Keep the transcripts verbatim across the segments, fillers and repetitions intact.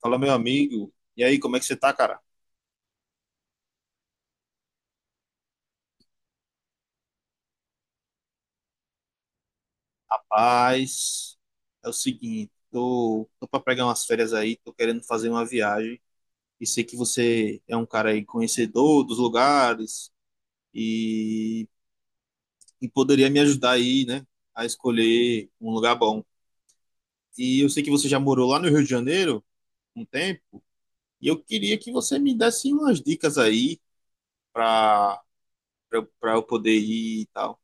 Fala, meu amigo. E aí, como é que você tá, cara? Rapaz, é o seguinte, tô, tô pra pegar umas férias aí, tô querendo fazer uma viagem. E sei que você é um cara aí conhecedor dos lugares e, e poderia me ajudar aí, né, a escolher um lugar bom. E eu sei que você já morou lá no Rio de Janeiro um tempo, e eu queria que você me desse umas dicas aí pra, pra, pra eu poder ir e tal.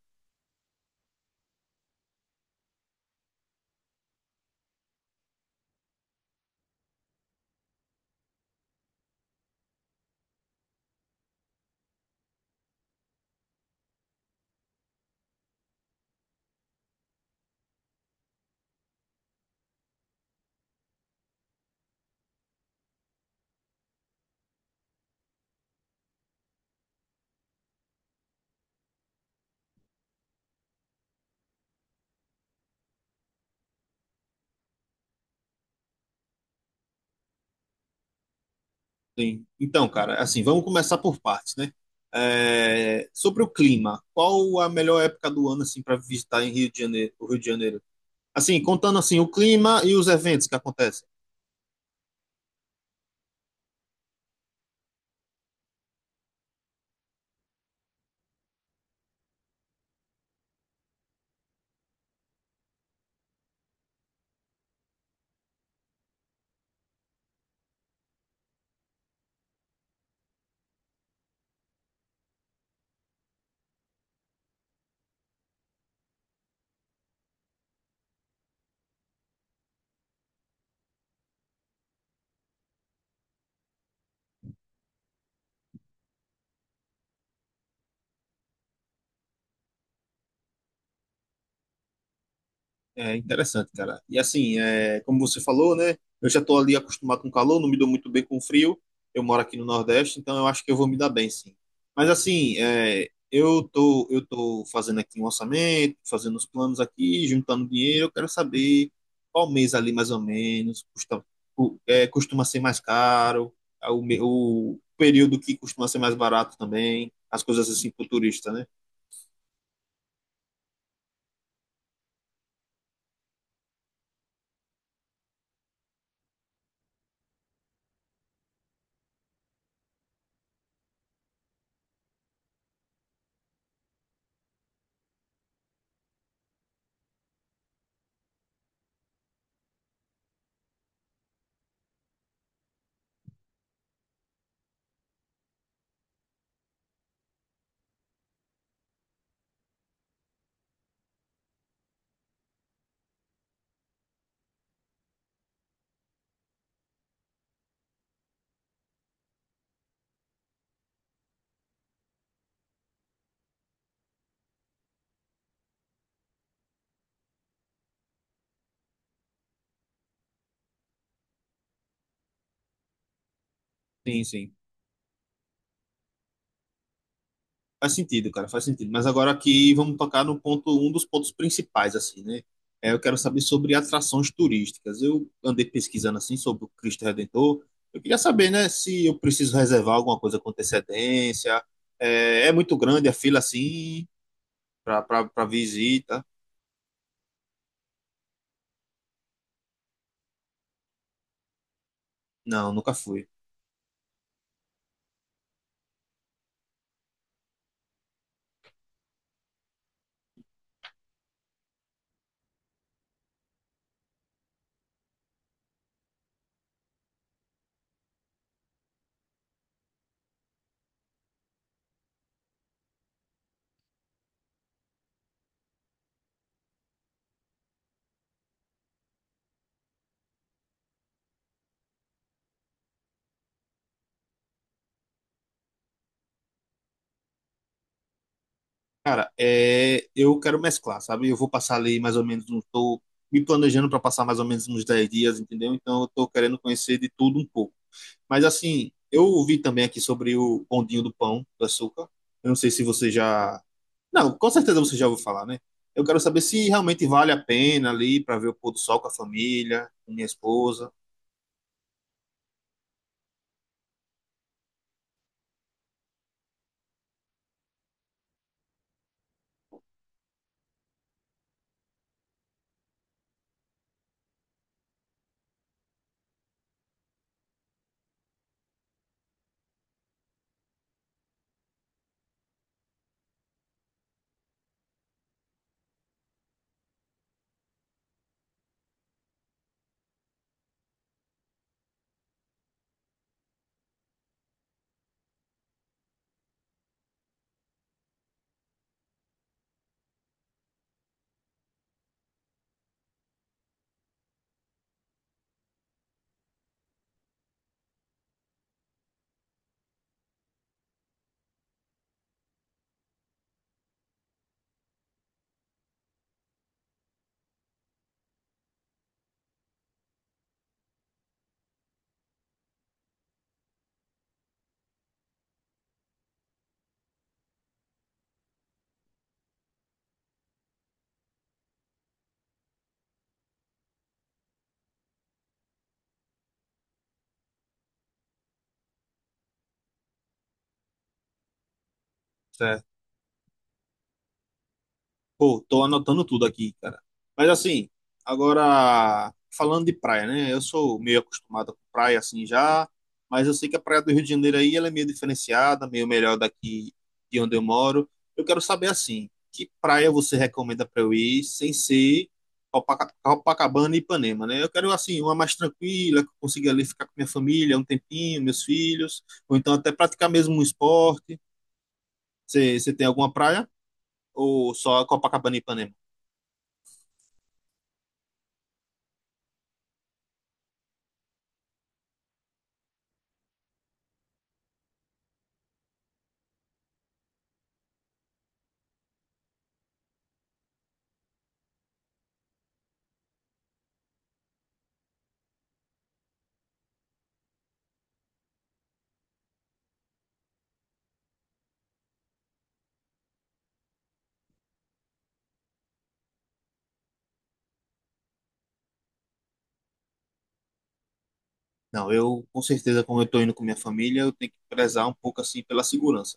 Sim. Então, cara, assim, vamos começar por partes, né? É, sobre o clima, qual a melhor época do ano assim para visitar em Rio de Janeiro, o Rio de Janeiro? Assim, contando assim o clima e os eventos que acontecem. É interessante, cara. E assim, é, como você falou, né? Eu já estou ali acostumado com calor, não me dou muito bem com frio. Eu moro aqui no Nordeste, então eu acho que eu vou me dar bem, sim. Mas assim, é, eu tô, eu tô fazendo aqui um orçamento, fazendo os planos aqui, juntando dinheiro. Eu quero saber qual mês ali mais ou menos custa, cu- é, costuma ser mais caro, é, o, me- o período que costuma ser mais barato também, as coisas assim pro turista, né? Sim, sim. Faz sentido, cara, faz sentido. Mas agora aqui vamos tocar no ponto, um dos pontos principais, assim, né? É, eu quero saber sobre atrações turísticas. Eu andei pesquisando, assim, sobre o Cristo Redentor. Eu queria saber, né, se eu preciso reservar alguma coisa com antecedência. É, é muito grande a fila, assim, pra, pra, pra visita. Não, nunca fui. Cara, é, eu quero mesclar, sabe? Eu vou passar ali mais ou menos, estou me planejando para passar mais ou menos uns dez dias, entendeu? Então eu tô querendo conhecer de tudo um pouco. Mas assim, eu ouvi também aqui sobre o bondinho do pão, do açúcar. Eu não sei se você já. Não, com certeza você já ouviu falar, né? Eu quero saber se realmente vale a pena ali para ver o pôr do sol com a família, com minha esposa. Pô, tô anotando tudo aqui, cara. Mas assim, agora falando de praia, né? Eu sou meio acostumado com praia assim já, mas eu sei que a praia do Rio de Janeiro aí ela é meio diferenciada, meio melhor daqui de onde eu moro. Eu quero saber assim, que praia você recomenda para eu ir sem ser Copaca- Copacabana e Ipanema, né? Eu quero assim uma mais tranquila, que eu consiga ali ficar com minha família um tempinho, meus filhos, ou então até praticar mesmo um esporte. Você você tem alguma praia ou só Copacabana e Ipanema? Não, eu com certeza, como eu tô indo com minha família, eu tenho que prezar um pouco assim pela segurança.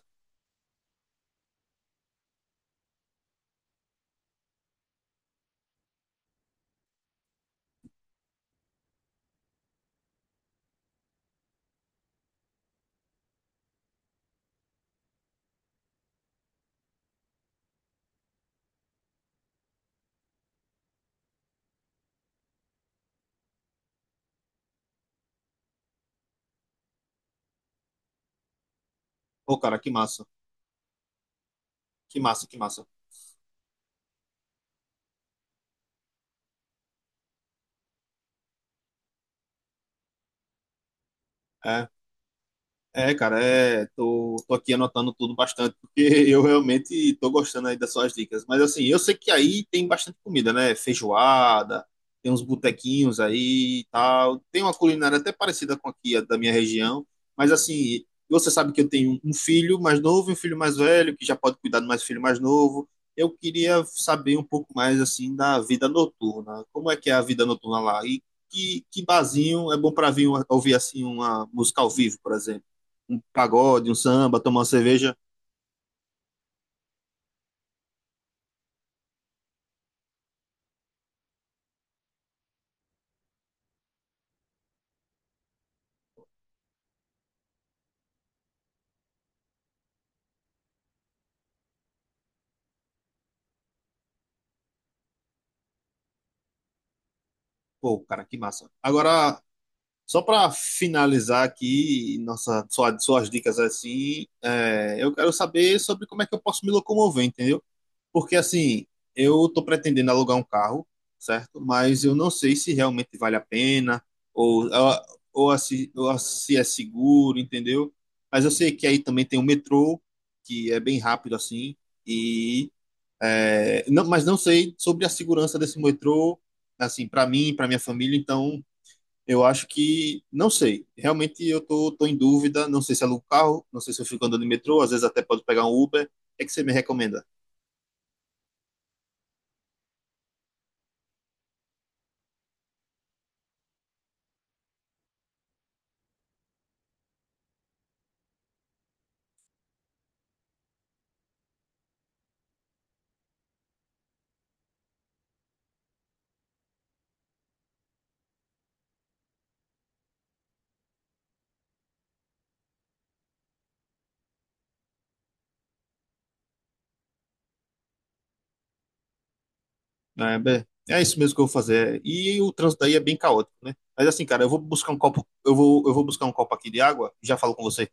Pô, cara, que massa, que massa, que massa. É, é, cara, é, tô, tô aqui anotando tudo bastante, porque eu realmente tô gostando aí das suas dicas. Mas assim, eu sei que aí tem bastante comida, né? Feijoada, tem uns botequinhos aí e tal. Tem uma culinária até parecida com aqui, a da minha região. Mas assim, você sabe que eu tenho um filho mais novo e um filho mais velho, que já pode cuidar do mais filho mais novo. Eu queria saber um pouco mais, assim, da vida noturna. Como é que é a vida noturna lá? E que, que barzinho é bom para vir ouvir, assim, uma música ao vivo, por exemplo? Um pagode, um samba, tomar uma cerveja. Pô, cara, que massa. Agora, só para finalizar aqui nossa, sua, suas dicas assim, é, eu quero saber sobre como é que eu posso me locomover, entendeu? Porque assim, eu tô pretendendo alugar um carro, certo? Mas eu não sei se realmente vale a pena ou, ou, ou se, ou se é seguro, entendeu? Mas eu sei que aí também tem o metrô, que é bem rápido assim, e é, não, mas não sei sobre a segurança desse metrô, assim, para mim, para minha família, então eu acho que não sei. Realmente eu tô, tô em dúvida, não sei se alugo carro, não sei se eu fico andando de metrô, às vezes até pode pegar um Uber. O que é que você me recomenda? É, bem, é isso mesmo que eu vou fazer. E o trânsito daí é bem caótico, né? Mas assim, cara, eu vou buscar um copo, eu vou, eu vou buscar um copo aqui de água, já falo com você.